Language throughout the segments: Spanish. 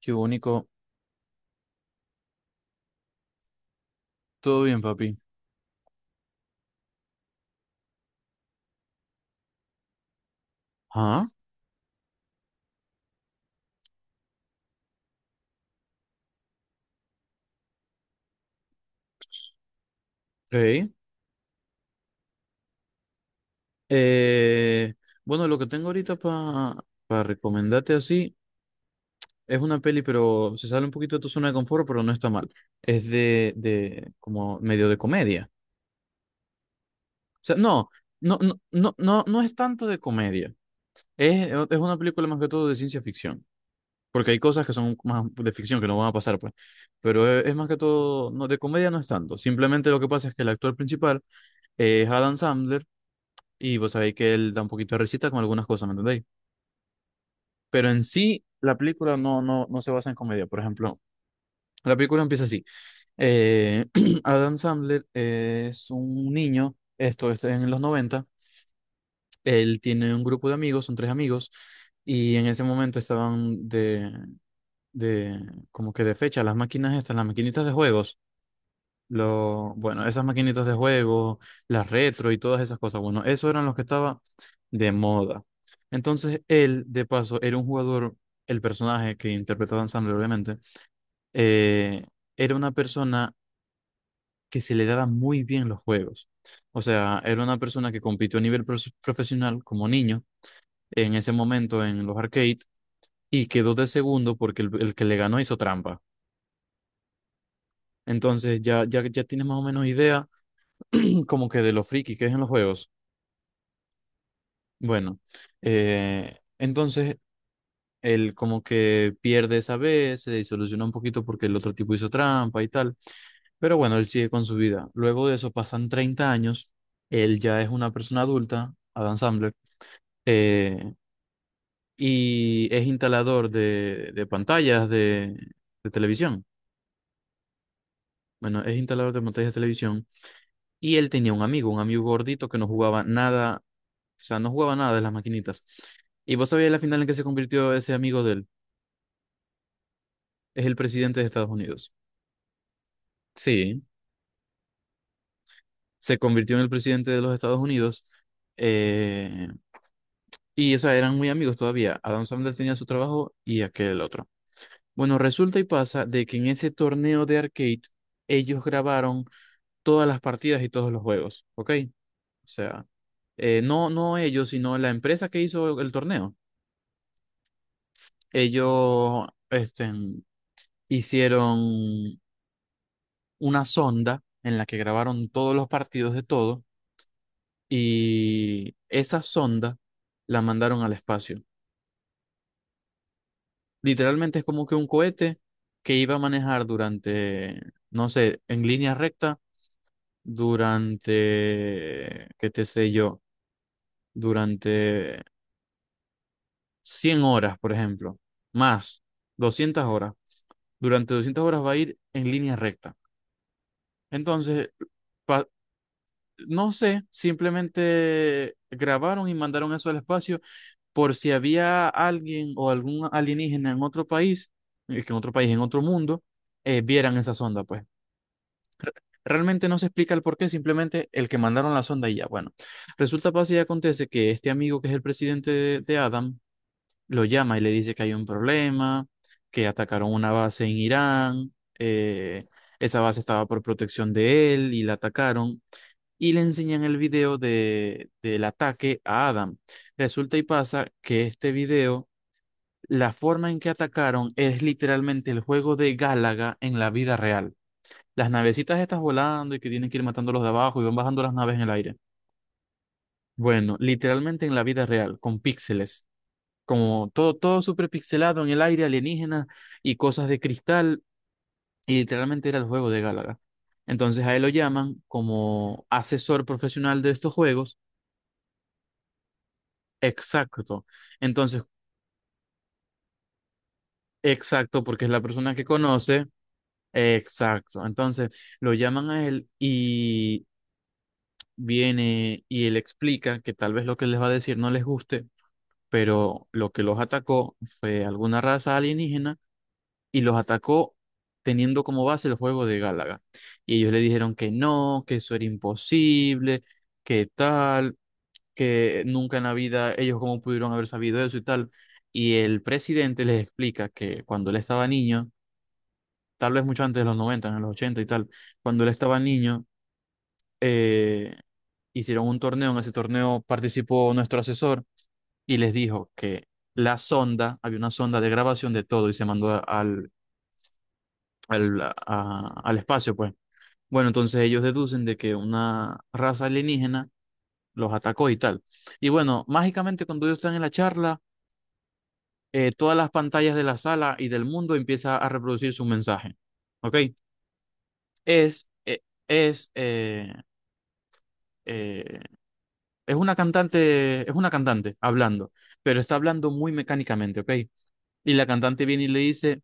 Qué único. Todo bien, papi. Ah, ok. Eh, bueno, lo que tengo ahorita para recomendarte así es una peli, pero se sale un poquito de tu zona de confort, pero no está mal. Es de como medio de comedia. O sea, no, no, no, no, no, no es tanto de comedia. Es una película más que todo de ciencia ficción. Porque hay cosas que son más de ficción que no van a pasar, pues. Pero es más que todo, no, de comedia no es tanto. Simplemente lo que pasa es que el actor principal es Adam Sandler. Y vos sabéis que él da un poquito de risita con algunas cosas, ¿me entendéis? Pero en sí, la película no, no, no se basa en comedia. Por ejemplo, la película empieza así. Eh, Adam Sandler es un niño, esto es en los noventa. Él tiene un grupo de amigos, son tres amigos, y en ese momento estaban de como que de fecha las máquinas estas, las maquinitas de juegos. Bueno, esas maquinitas de juego, las retro y todas esas cosas. Bueno, eso eran los que estaba de moda. Entonces, él, de paso, era un jugador, el personaje que interpretaba Dan Sandler, obviamente, eh, era una persona que se le daba muy bien los juegos. O sea, era una persona que compitió a nivel profesional como niño en ese momento en los arcades y quedó de segundo porque el que le ganó hizo trampa. Entonces, ya, ya, ya tienes más o menos idea como que de lo friki que es en los juegos. Bueno, entonces él como que pierde esa vez, se disoluciona un poquito porque el otro tipo hizo trampa y tal, pero bueno, él sigue con su vida. Luego de eso pasan 30 años, él ya es una persona adulta, Adam Sandler, eh, y es instalador de pantallas de televisión. Bueno, es instalador de pantallas de televisión y él tenía un amigo gordito que no jugaba nada, o sea, no jugaba nada de las maquinitas. ¿Y vos sabías la final en que se convirtió ese amigo de él? Es el presidente de Estados Unidos. Sí, se convirtió en el presidente de los Estados Unidos. eh, y, o sea, eran muy amigos todavía. Adam Sandler tenía su trabajo y aquel otro. Bueno, resulta y pasa de que en ese torneo de arcade ellos grabaron todas las partidas y todos los juegos, ¿ok? O sea, no, no ellos, sino la empresa que hizo el torneo. Ellos, este, hicieron una sonda en la que grabaron todos los partidos de todo. Y esa sonda la mandaron al espacio. Literalmente es como que un cohete que iba a manejar durante, no sé, en línea recta, durante, qué te sé yo, durante 100 horas, por ejemplo, más 200 horas. Durante 200 horas va a ir en línea recta. Entonces, pa- no sé, simplemente grabaron y mandaron eso al espacio por si había alguien o algún alienígena en otro país, que en otro país, en otro mundo, vieran esa sonda, pues. Realmente no se explica el por qué, simplemente el que mandaron la sonda y ya, bueno. Resulta, pasa y acontece que este amigo que es el presidente de Adam lo llama y le dice que hay un problema, que atacaron una base en Irán, eh, esa base estaba por protección de él y la atacaron y le enseñan el video del ataque a Adam. Resulta y pasa que este video, la forma en que atacaron es literalmente el juego de Gálaga en la vida real. Las navecitas estas volando y que tienen que ir matando a los de abajo y van bajando las naves en el aire. Bueno, literalmente en la vida real, con píxeles. Como todo, todo súper pixelado en el aire, alienígena y cosas de cristal. Y literalmente era el juego de Gálaga. Entonces a él lo llaman como asesor profesional de estos juegos. Exacto. Entonces, exacto, porque es la persona que conoce. Exacto. Entonces, lo llaman a él y viene y él explica que tal vez lo que les va a decir no les guste, pero lo que los atacó fue alguna raza alienígena y los atacó teniendo como base el juego de Gálaga. Y ellos le dijeron que no, que eso era imposible, que tal. Que nunca en la vida ellos cómo pudieron haber sabido eso y tal. Y el presidente les explica que cuando él estaba niño, tal vez mucho antes de los 90 en los 80 y tal, cuando él estaba niño, eh, hicieron un torneo, en ese torneo participó nuestro asesor y les dijo que la sonda, había una sonda de grabación de todo y se mandó al espacio, pues. Bueno, entonces ellos deducen de que una raza alienígena los atacó y tal. Y bueno, mágicamente cuando ellos están en la charla, todas las pantallas de la sala y del mundo empieza a reproducir su mensaje. ¿Ok? Es, eh, es, eh, eh, es una cantante, es una cantante hablando, pero está hablando muy mecánicamente, ¿ok? Y la cantante viene y le dice,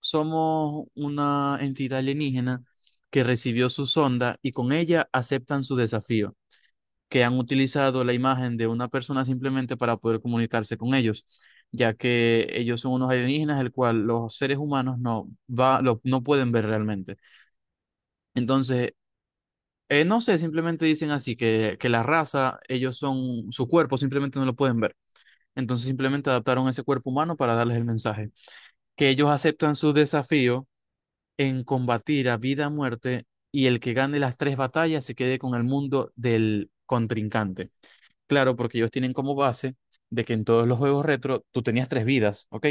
somos una entidad alienígena que recibió su sonda y con ella aceptan su desafío. Que han utilizado la imagen de una persona simplemente para poder comunicarse con ellos, ya que ellos son unos alienígenas, el cual los seres humanos no, va, no pueden ver realmente. Entonces, no sé, simplemente dicen así, que la raza, ellos son su cuerpo, simplemente no lo pueden ver. Entonces simplemente adaptaron ese cuerpo humano para darles el mensaje, que ellos aceptan su desafío en combatir a vida o muerte y el que gane las tres batallas se quede con el mundo del contrincante. Claro, porque ellos tienen como base de que en todos los juegos retro tú tenías tres vidas, ¿ok?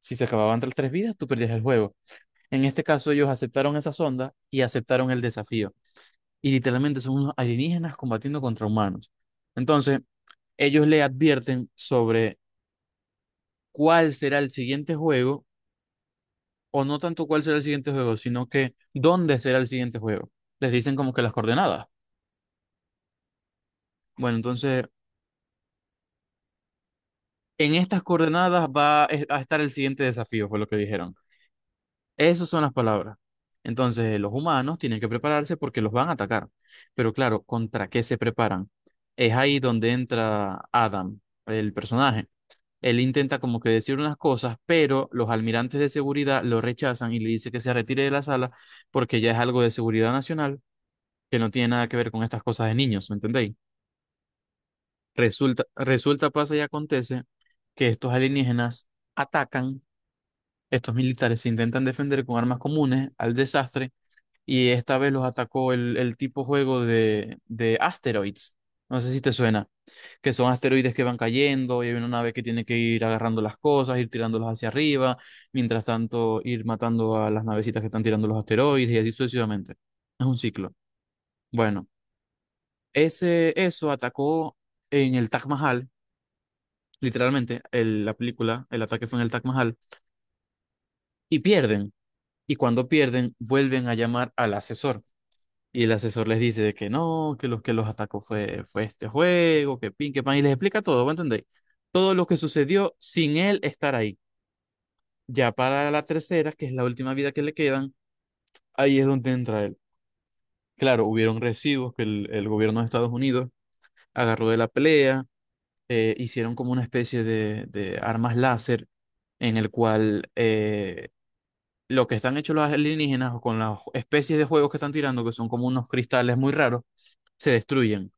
Si se acababan las tres vidas, tú perdías el juego. En este caso, ellos aceptaron esa sonda y aceptaron el desafío. Y literalmente son unos alienígenas combatiendo contra humanos. Entonces, ellos le advierten sobre cuál será el siguiente juego, o no tanto cuál será el siguiente juego, sino que dónde será el siguiente juego. Les dicen como que las coordenadas. Bueno, entonces, en estas coordenadas va a estar el siguiente desafío, fue lo que dijeron. Esas son las palabras. Entonces, los humanos tienen que prepararse porque los van a atacar. Pero claro, ¿contra qué se preparan? Es ahí donde entra Adam, el personaje. Él intenta como que decir unas cosas, pero los almirantes de seguridad lo rechazan y le dice que se retire de la sala porque ya es algo de seguridad nacional que no tiene nada que ver con estas cosas de niños, ¿me entendéis? Resulta, pasa y acontece que estos alienígenas atacan, estos militares se intentan defender con armas comunes al desastre y esta vez los atacó el tipo juego de asteroids. No sé si te suena, que son asteroides que van cayendo y hay una nave que tiene que ir agarrando las cosas, ir tirándolas hacia arriba, mientras tanto ir matando a las navecitas que están tirando los asteroides y así sucesivamente. Es un ciclo. Bueno, ese, eso atacó en el Taj Mahal, literalmente, la película, el ataque fue en el Taj Mahal, y pierden. Y cuando pierden, vuelven a llamar al asesor. Y el asesor les dice de que no, que los atacó fue este juego, que pin, que pan, y les explica todo, ¿me entendéis? Todo lo que sucedió sin él estar ahí. Ya para la tercera, que es la última vida que le quedan, ahí es donde entra él. Claro, hubieron residuos que el gobierno de Estados Unidos agarró de la pelea, hicieron como una especie de armas láser en el cual lo que están hechos los alienígenas o con las especies de juegos que están tirando, que son como unos cristales muy raros, se destruyen.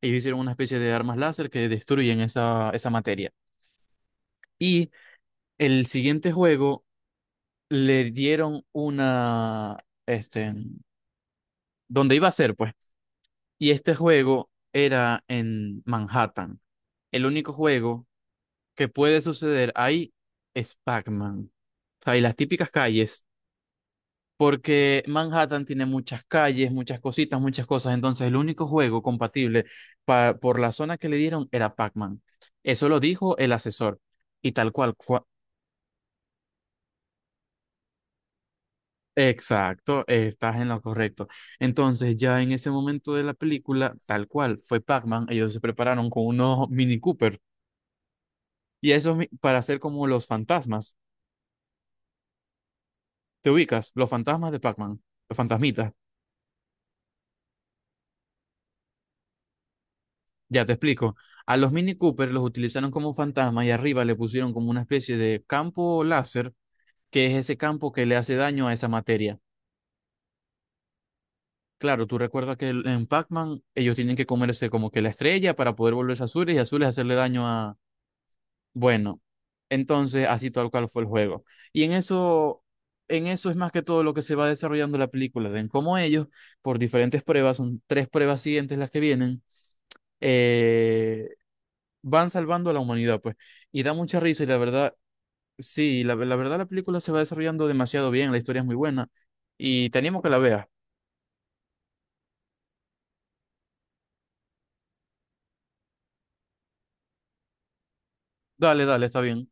Ellos hicieron una especie de armas láser que destruyen esa materia. Y el siguiente juego le dieron una, este, donde iba a ser, pues. Y este juego era en Manhattan. El único juego que puede suceder ahí es Pac-Man. O sea, y las típicas calles porque Manhattan tiene muchas calles, muchas cositas, muchas cosas. Entonces, el único juego compatible por la zona que le dieron era Pac-Man. Eso lo dijo el asesor. Y tal cual. Exacto, estás en lo correcto. Entonces, ya en ese momento de la película, tal cual, fue Pac-Man. Ellos se prepararon con unos Mini Cooper. Y eso es para hacer como los fantasmas. ¿Te ubicas? Los fantasmas de Pac-Man. Los fantasmitas. Ya te explico. A los Mini Cooper los utilizaron como fantasmas y arriba le pusieron como una especie de campo láser, que es ese campo que le hace daño a esa materia. Claro, tú recuerdas que en Pac-Man ellos tienen que comerse como que la estrella para poder volverse azules y azules hacerle daño a... Bueno, entonces así tal cual fue el juego. Y en eso, es más que todo lo que se va desarrollando la película, de en cómo ellos, por diferentes pruebas, son tres pruebas siguientes las que vienen, eh, van salvando a la humanidad, pues. Y da mucha risa y la verdad, sí, la verdad la película se va desarrollando demasiado bien, la historia es muy buena y te animo a que la veas. Dale, dale, está bien.